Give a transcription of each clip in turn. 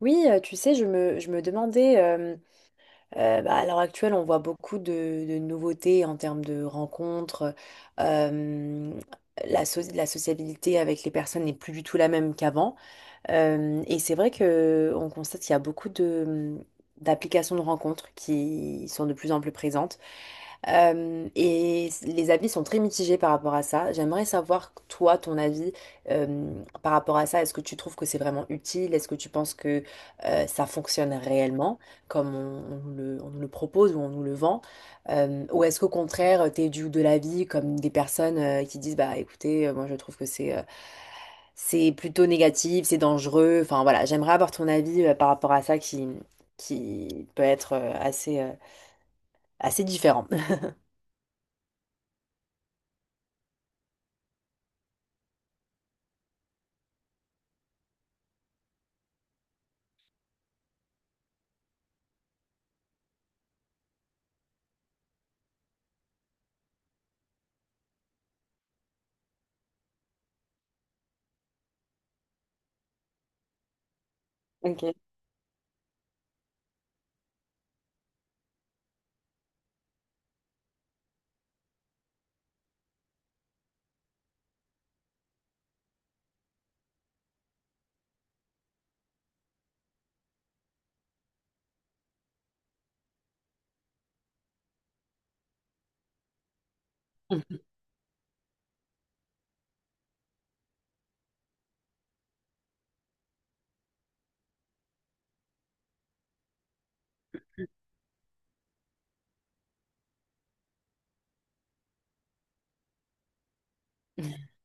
Oui, tu sais, je me demandais, bah, à l'heure actuelle, on voit beaucoup de nouveautés en termes de rencontres. euh, la sociabilité avec les personnes n'est plus du tout la même qu'avant. Et c'est vrai que on constate qu'il y a beaucoup de d'applications de rencontres qui sont de plus en plus présentes. Et les avis sont très mitigés par rapport à ça. J'aimerais savoir, toi, ton avis euh, par rapport à ça. Est-ce que tu trouves que c'est vraiment utile? Est-ce que tu penses que ça fonctionne réellement, comme on nous le propose ou on nous le vend? Ou est-ce qu'au contraire, tu es du de l'avis comme des personnes qui disent, bah écoutez, moi je trouve que c'est plutôt négatif, c'est dangereux. Enfin voilà, j'aimerais avoir ton avis par rapport à ça qui peut être assez différent. Ok.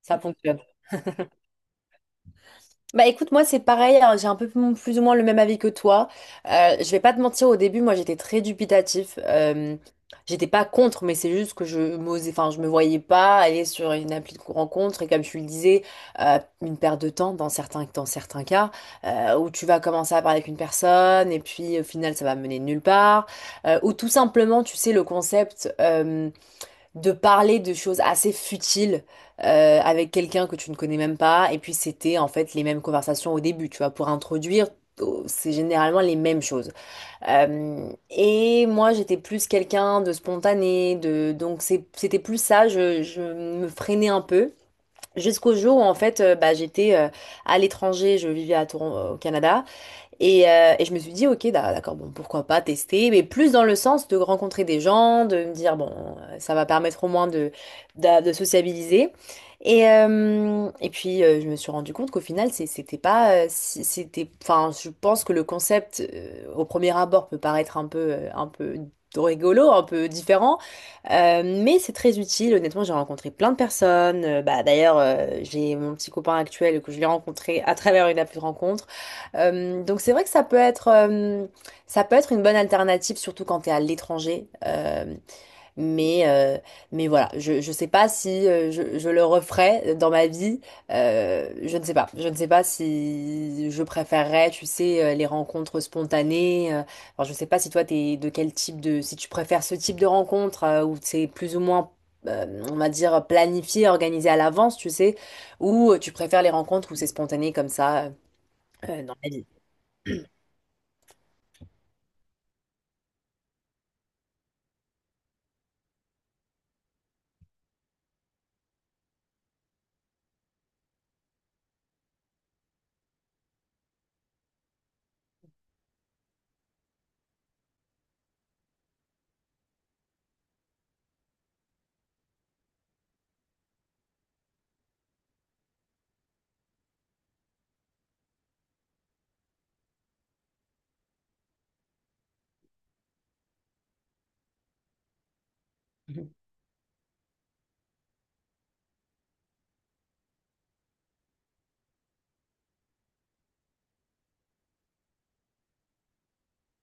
Ça fonctionne. Bah écoute, moi c'est pareil, hein, j'ai un peu plus ou moins le même avis que toi. Je vais pas te mentir, au début, moi j'étais très dubitatif. J'étais pas contre, mais c'est juste que je m'osais, enfin je me voyais pas aller sur une appli de rencontre et comme tu le disais, une perte de temps dans certains cas où tu vas commencer à parler avec une personne et puis au final ça va mener nulle part. Ou tout simplement, tu sais, le concept. De parler de choses assez futiles avec quelqu'un que tu ne connais même pas. Et puis c'était en fait les mêmes conversations au début, tu vois, pour introduire. Oh, c'est généralement les mêmes choses. Et moi, j'étais plus quelqu'un de spontané, de donc c'était plus ça. Je me freinais un peu jusqu'au jour où en fait, bah, j'étais à l'étranger. Je vivais à au Canada et je me suis dit, ok, d'accord, bon, pourquoi pas tester, mais plus dans le sens de rencontrer des gens, de me dire, bon, ça va permettre au moins de, sociabiliser. Et puis, je me suis rendu compte qu'au final, c'était pas, c'était, enfin, je pense que le concept, au premier abord, peut paraître un peu rigolo, un peu différent, mais c'est très utile. Honnêtement, j'ai rencontré plein de personnes. Bah, d'ailleurs, j'ai mon petit copain actuel que je l'ai rencontré à travers une appli de rencontre. Donc c'est vrai que ça peut être une bonne alternative, surtout quand tu es à l'étranger. Mais, euh, mais voilà, je sais pas si je le referais dans ma vie. Je ne sais pas. Je ne sais pas si je préférerais, tu sais, les rencontres spontanées. Alors je sais pas si toi, t'es de quel type de. Si tu préfères ce type de rencontre où c'est plus ou moins. On va dire planifié, organisé à l'avance, tu sais, ou tu préfères les rencontres où c'est spontané comme ça dans la vie.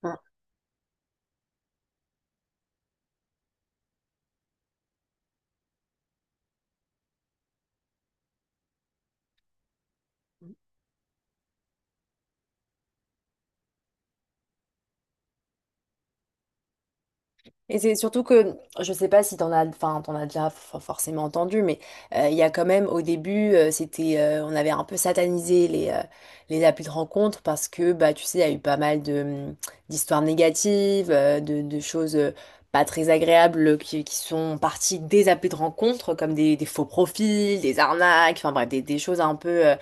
Hein. Et c'est surtout que, je sais pas si t'en as, enfin, t'en as déjà forcément entendu, mais il y a quand même, au début, c'était, on avait un peu satanisé les applis de rencontre parce que, bah, tu sais, il y a eu pas mal d'histoires négatives, de choses pas très agréables qui sont parties des applis de rencontre, comme des faux profils, des arnaques, enfin bref, des choses un peu euh,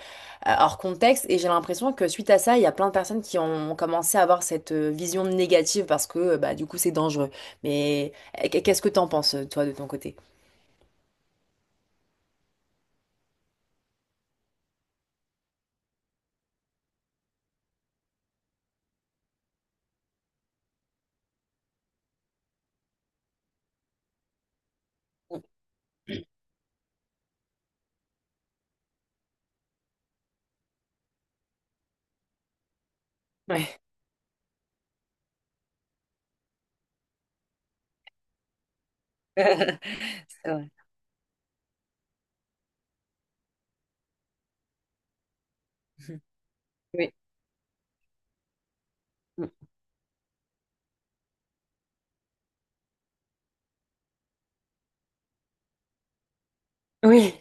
euh, hors contexte. Et j'ai l'impression que suite à ça, il y a plein de personnes qui ont commencé à avoir cette vision négative parce que, bah, du coup, c'est dangereux. Mais qu'est-ce que t'en penses, toi, de ton côté? Ouais, c'est vrai. Oui. Oui.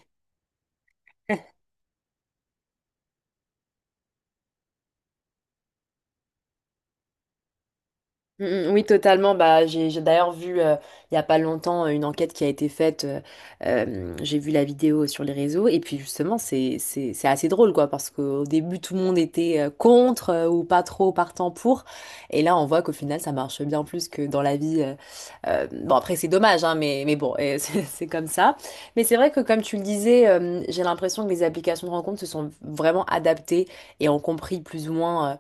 Mm, mm, oui, totalement. Bah, j'ai d'ailleurs vu il y a pas longtemps une enquête qui a été faite. J'ai vu la vidéo sur les réseaux et puis justement c'est assez drôle quoi, parce qu'au début tout le monde était contre ou pas trop partant pour, et là on voit qu'au final ça marche bien plus que dans la vie. Bon après c'est dommage hein, mais bon c'est comme ça. Mais c'est vrai que comme tu le disais, j'ai l'impression que les applications de rencontres se sont vraiment adaptées et ont compris plus ou moins.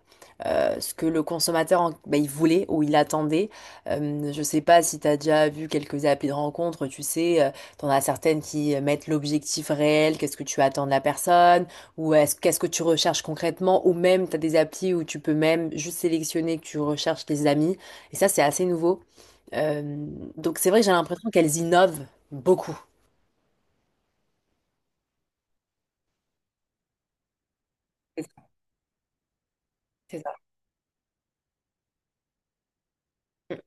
Ce que le consommateur bah, il voulait ou il attendait. Je sais pas si tu as déjà vu quelques applis de rencontre, tu sais, t'en as certaines qui mettent l'objectif réel, qu'est-ce que tu attends de la personne, ou est-ce que tu recherches concrètement, ou même tu as des applis où tu peux même juste sélectionner que tu recherches tes amis. Et ça, c'est assez nouveau. Euh, donc c'est vrai que j'ai l'impression qu'elles innovent beaucoup. C'est ça. C'est ça. Mm,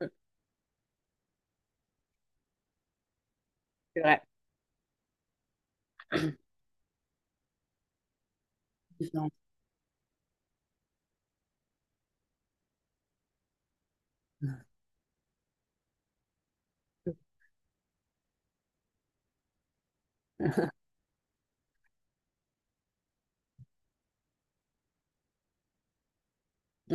mm, c'est vrai. Différent.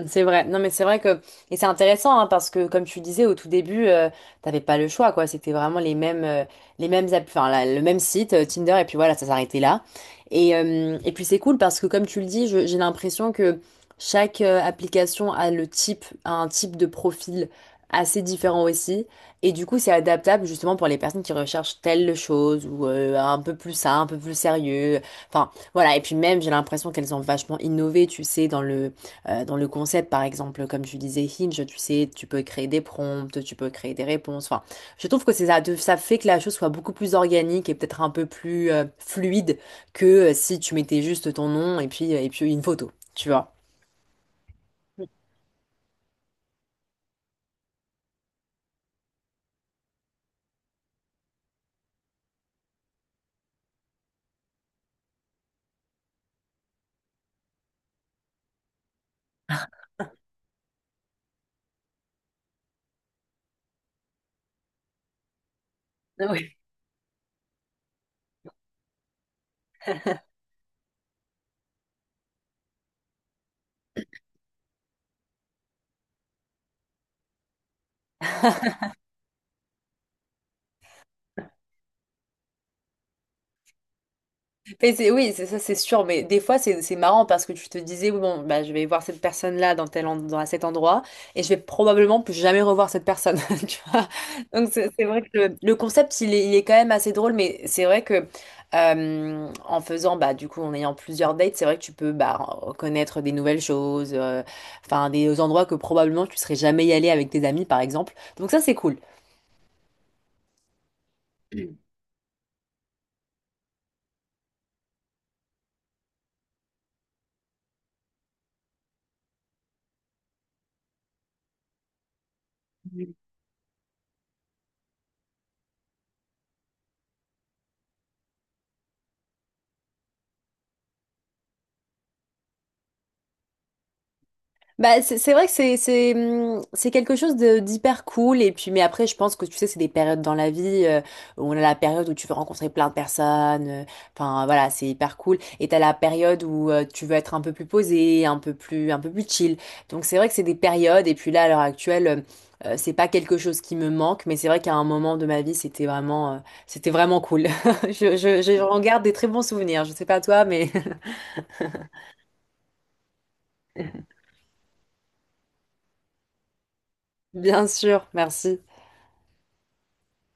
C'est vrai. Non, mais c'est vrai que et c'est intéressant hein, parce que comme tu disais au tout début, t'avais pas le choix quoi. C'était vraiment les mêmes app- enfin la- le même site Tinder, et puis voilà ça s'arrêtait là. Et puis c'est cool parce que comme tu le dis, j'ai l'impression que chaque application a un type de profil assez différent aussi, et du coup c'est adaptable justement pour les personnes qui recherchent telle chose ou un peu plus ça, un peu plus sérieux. Enfin voilà, et puis même j'ai l'impression qu'elles ont vachement innové, tu sais, dans le concept, par exemple, comme tu disais, Hinge, tu sais, tu peux créer des prompts, tu peux créer des réponses. Enfin, je trouve que c'est ça, ça fait que la chose soit beaucoup plus organique et peut-être un peu plus fluide que si tu mettais juste ton nom et puis une photo, tu vois. Ah oui. Mais oui, c'est ça, c'est sûr. Mais des fois, c'est marrant parce que tu te disais, oui, bon, bah, je vais voir cette personne-là dans dans cet endroit, et je vais probablement plus jamais revoir cette personne. Tu vois. Donc, c'est vrai que le concept, il est quand même assez drôle, mais c'est vrai que en faisant, bah, du coup, en ayant plusieurs dates, c'est vrai que tu peux, bah, connaître des nouvelles choses, enfin, des endroits que probablement tu serais jamais y allé avec tes amis, par exemple. Donc, ça, c'est cool. Bah, c'est vrai que c'est quelque chose de d'hyper cool, et puis mais après je pense que tu sais, c'est des périodes dans la vie, où on a la période où tu veux rencontrer plein de personnes, enfin voilà c'est hyper cool, et t'as la période où tu veux être un peu plus posé, un peu plus chill. Donc c'est vrai que c'est des périodes, et puis là à l'heure actuelle c'est pas quelque chose qui me manque, mais c'est vrai qu'à un moment de ma vie c'était vraiment cool. J'en garde des très bons souvenirs. Je sais pas toi, mais... Bien sûr, merci.